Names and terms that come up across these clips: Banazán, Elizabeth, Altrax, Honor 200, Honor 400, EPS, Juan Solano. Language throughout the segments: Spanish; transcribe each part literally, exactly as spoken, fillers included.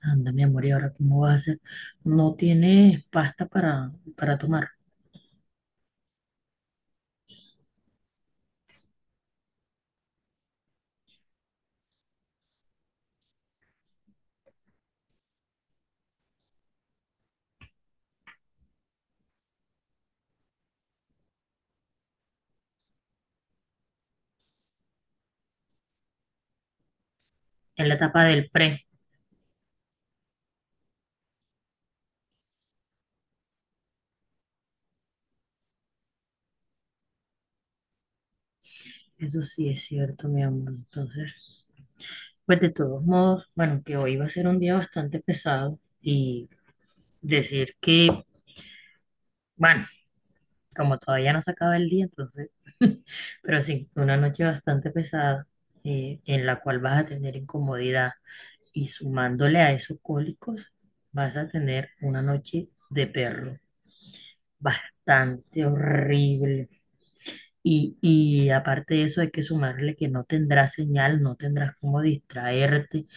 Anda, mi amor, ¿y ahora cómo vas a hacer? No tienes pasta para, para tomar en la etapa del pre. Eso sí es cierto, mi amor. Entonces, pues de todos modos, bueno, que hoy va a ser un día bastante pesado y decir que, bueno, como todavía no se acaba el día, entonces, pero sí, una noche bastante pesada eh, en la cual vas a tener incomodidad y sumándole a esos cólicos, vas a tener una noche de perro. Bastante horrible. Y, y aparte de eso hay que sumarle que no tendrás señal, no tendrás cómo distraerte,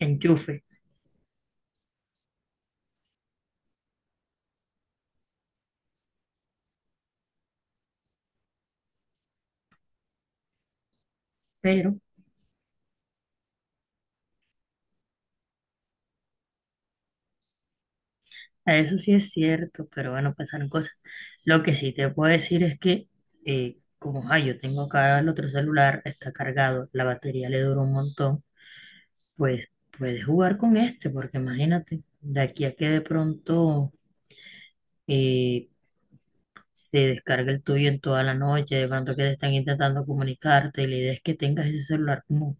enchufe. Pero a eso sí es cierto, pero bueno, pasaron cosas. Lo que sí te puedo decir es que eh, como ah, yo tengo acá el otro celular, está cargado, la batería le dura un montón, pues puedes jugar con este, porque imagínate, de aquí a que de pronto eh, se descarga el tuyo en toda la noche, de pronto que te están intentando comunicarte, y la idea es que tengas ese celular como,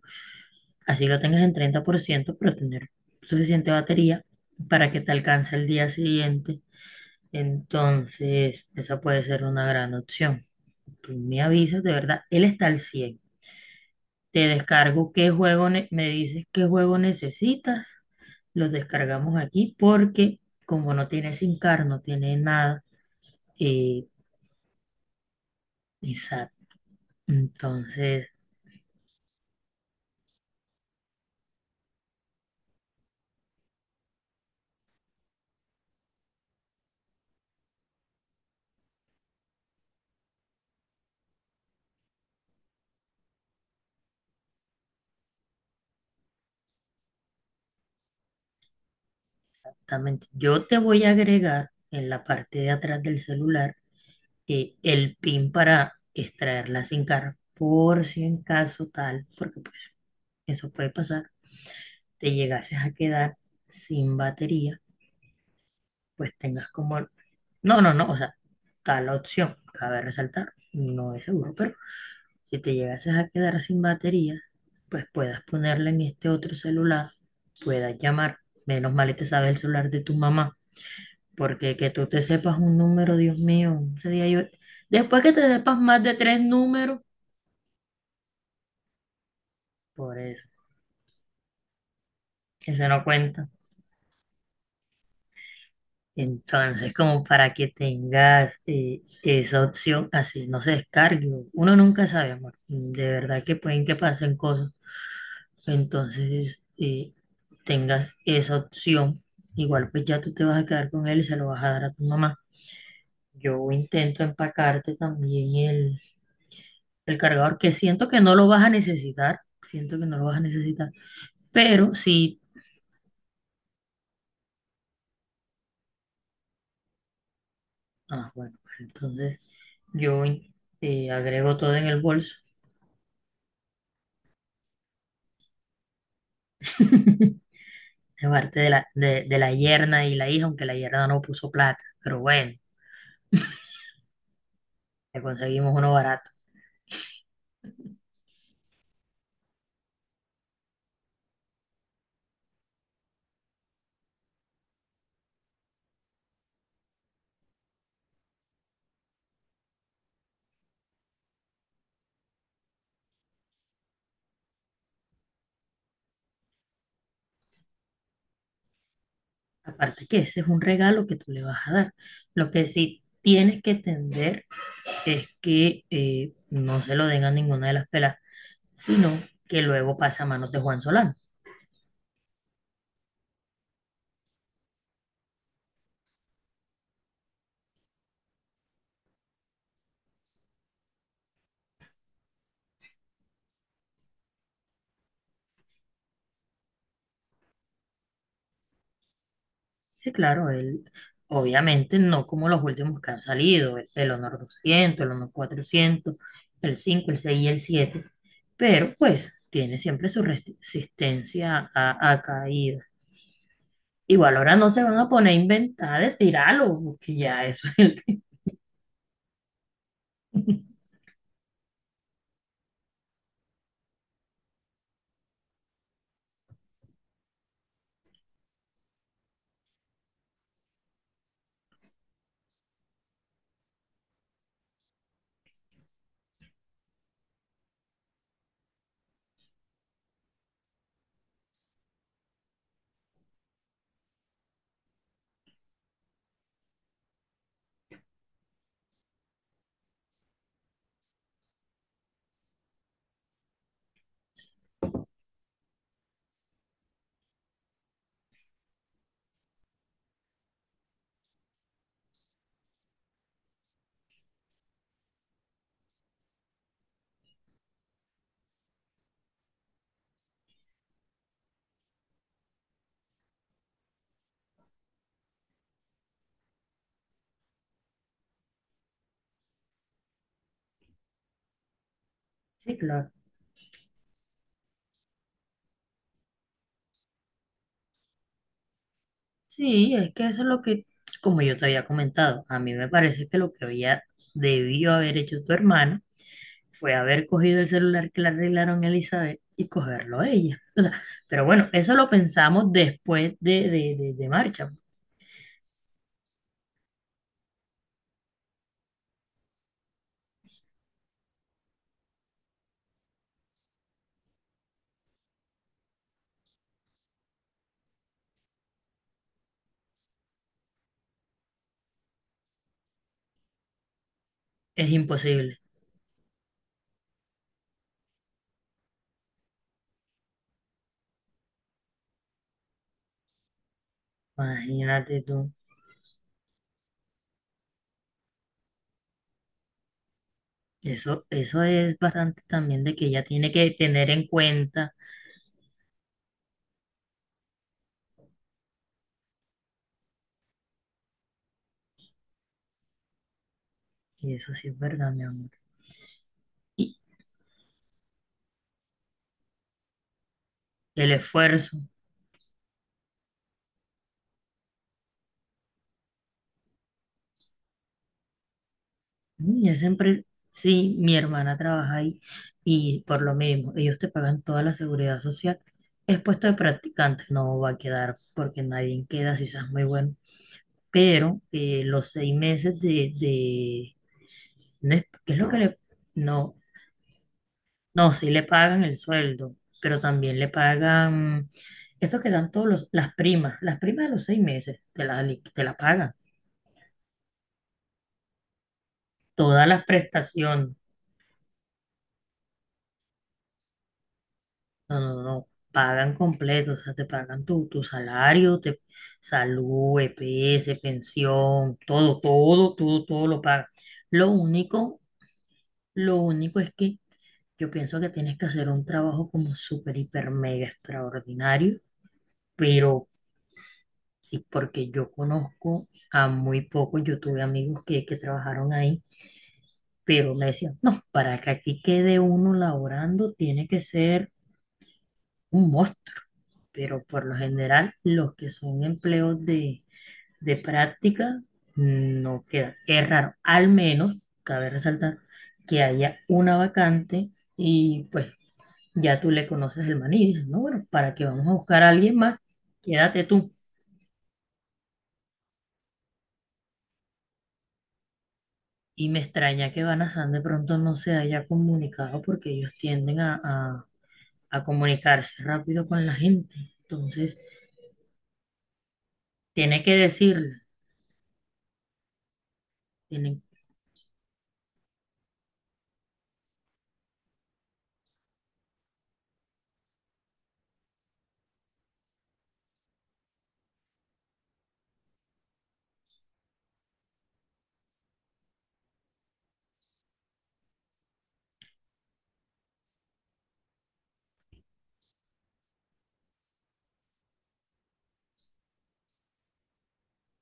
así lo tengas en treinta por ciento pero tener suficiente batería para que te alcance el día siguiente. Entonces, esa puede ser una gran opción. Tú me avisas, de verdad, él está al cien. Te descargo qué juego, ne- me dices qué juego necesitas, los descargamos aquí porque como no tiene SIM card, no tiene nada, eh, exacto. Entonces, exactamente. Yo te voy a agregar en la parte de atrás del celular eh, el pin para extraer la SIM card, por si en caso tal, porque pues, eso puede pasar, te llegases a quedar sin batería, pues tengas como... No, no, no, o sea, tal opción, cabe resaltar, no es seguro, pero si te llegases a quedar sin batería, pues puedas ponerla en este otro celular, puedas llamar, menos mal y te sabe el celular de tu mamá. Porque que tú te sepas un número, Dios mío, ese día yo... Después que te sepas más de tres números, por eso, eso no cuenta. Entonces, como para que tengas eh, esa opción, así no se descargue. Uno nunca sabe, amor. De verdad que pueden que pasen cosas. Entonces, eh, tengas esa opción. Igual pues ya tú te vas a quedar con él y se lo vas a dar a tu mamá. Yo intento empacarte también el cargador que siento que no lo vas a necesitar, siento que no lo vas a necesitar, pero sí, ah, bueno, pues entonces yo eh, agrego todo en el bolso, aparte de la, de, de la yerna y la hija, aunque la yerna no puso plata, pero bueno, le conseguimos uno barato. Aparte que ese es un regalo que tú le vas a dar. Lo que sí tienes que entender es que eh, no se lo den a ninguna de las pelas, sino que luego pasa a manos de Juan Solano. Sí, claro, él, obviamente no como los últimos que han salido, el, el Honor doscientos, el Honor cuatrocientos, el cinco, el seis y el siete, pero pues tiene siempre su resistencia a, a caída. Igual ahora no se van a poner a inventar de tirarlo, porque ya eso es el... Sí, claro. Sí, es que eso es lo que, como yo te había comentado, a mí me parece que lo que había debió haber hecho tu hermana fue haber cogido el celular que le arreglaron a Elizabeth y cogerlo a ella. O sea, pero bueno, eso lo pensamos después de, de, de- de marcha. Es imposible. Imagínate tú. Eso, eso es bastante también de que ella tiene que tener en cuenta. Y eso sí es verdad, mi amor. Y el esfuerzo. Mm, esa empresa, sí, mi hermana trabaja ahí y por lo mismo, ellos te pagan toda la seguridad social. Es puesto de practicante, no va a quedar porque nadie queda si seas muy bueno. Pero eh, los seis meses de, de no es, ¿qué es lo que le, no, no, sí le pagan el sueldo, pero también le pagan esto que dan todos los, las primas, las primas de los seis meses, te las li- te la pagan, todas las prestaciones, no, no, no, pagan completo, o sea, te pagan tu, tu salario, te, salud, E P S, pensión, todo, todo, todo, todo lo pagan. Lo único, lo único es que yo pienso que tienes que hacer un trabajo como súper, hiper, mega extraordinario, pero sí, porque yo conozco a muy pocos, yo tuve amigos que, que trabajaron ahí, pero me decían, no, para que aquí quede uno laborando tiene que ser un monstruo, pero por lo general los que son empleos de, de práctica no quedan. Es raro, al menos, cabe resaltar, que haya una vacante y pues ya tú le conoces el maní y dices, no, bueno, ¿para qué vamos a buscar a alguien más? Quédate tú. Y me extraña que Banazán de pronto no se haya comunicado porque ellos tienden a, a- a comunicarse rápido con la gente. Entonces, tiene que decirle, tiene,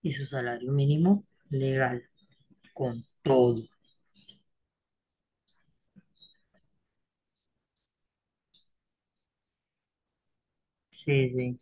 y su salario mínimo legal, con todo. Sí, sí.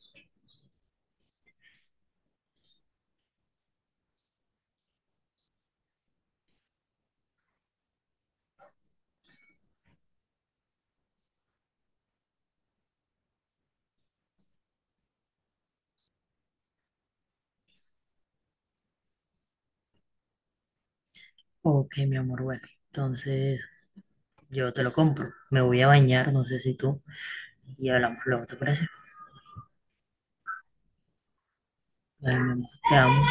Ok, mi amor, bueno. Entonces, yo te lo compro. Me voy a bañar, no sé si tú, y hablamos luego, ¿te parece? Bueno, mi amor, te amo.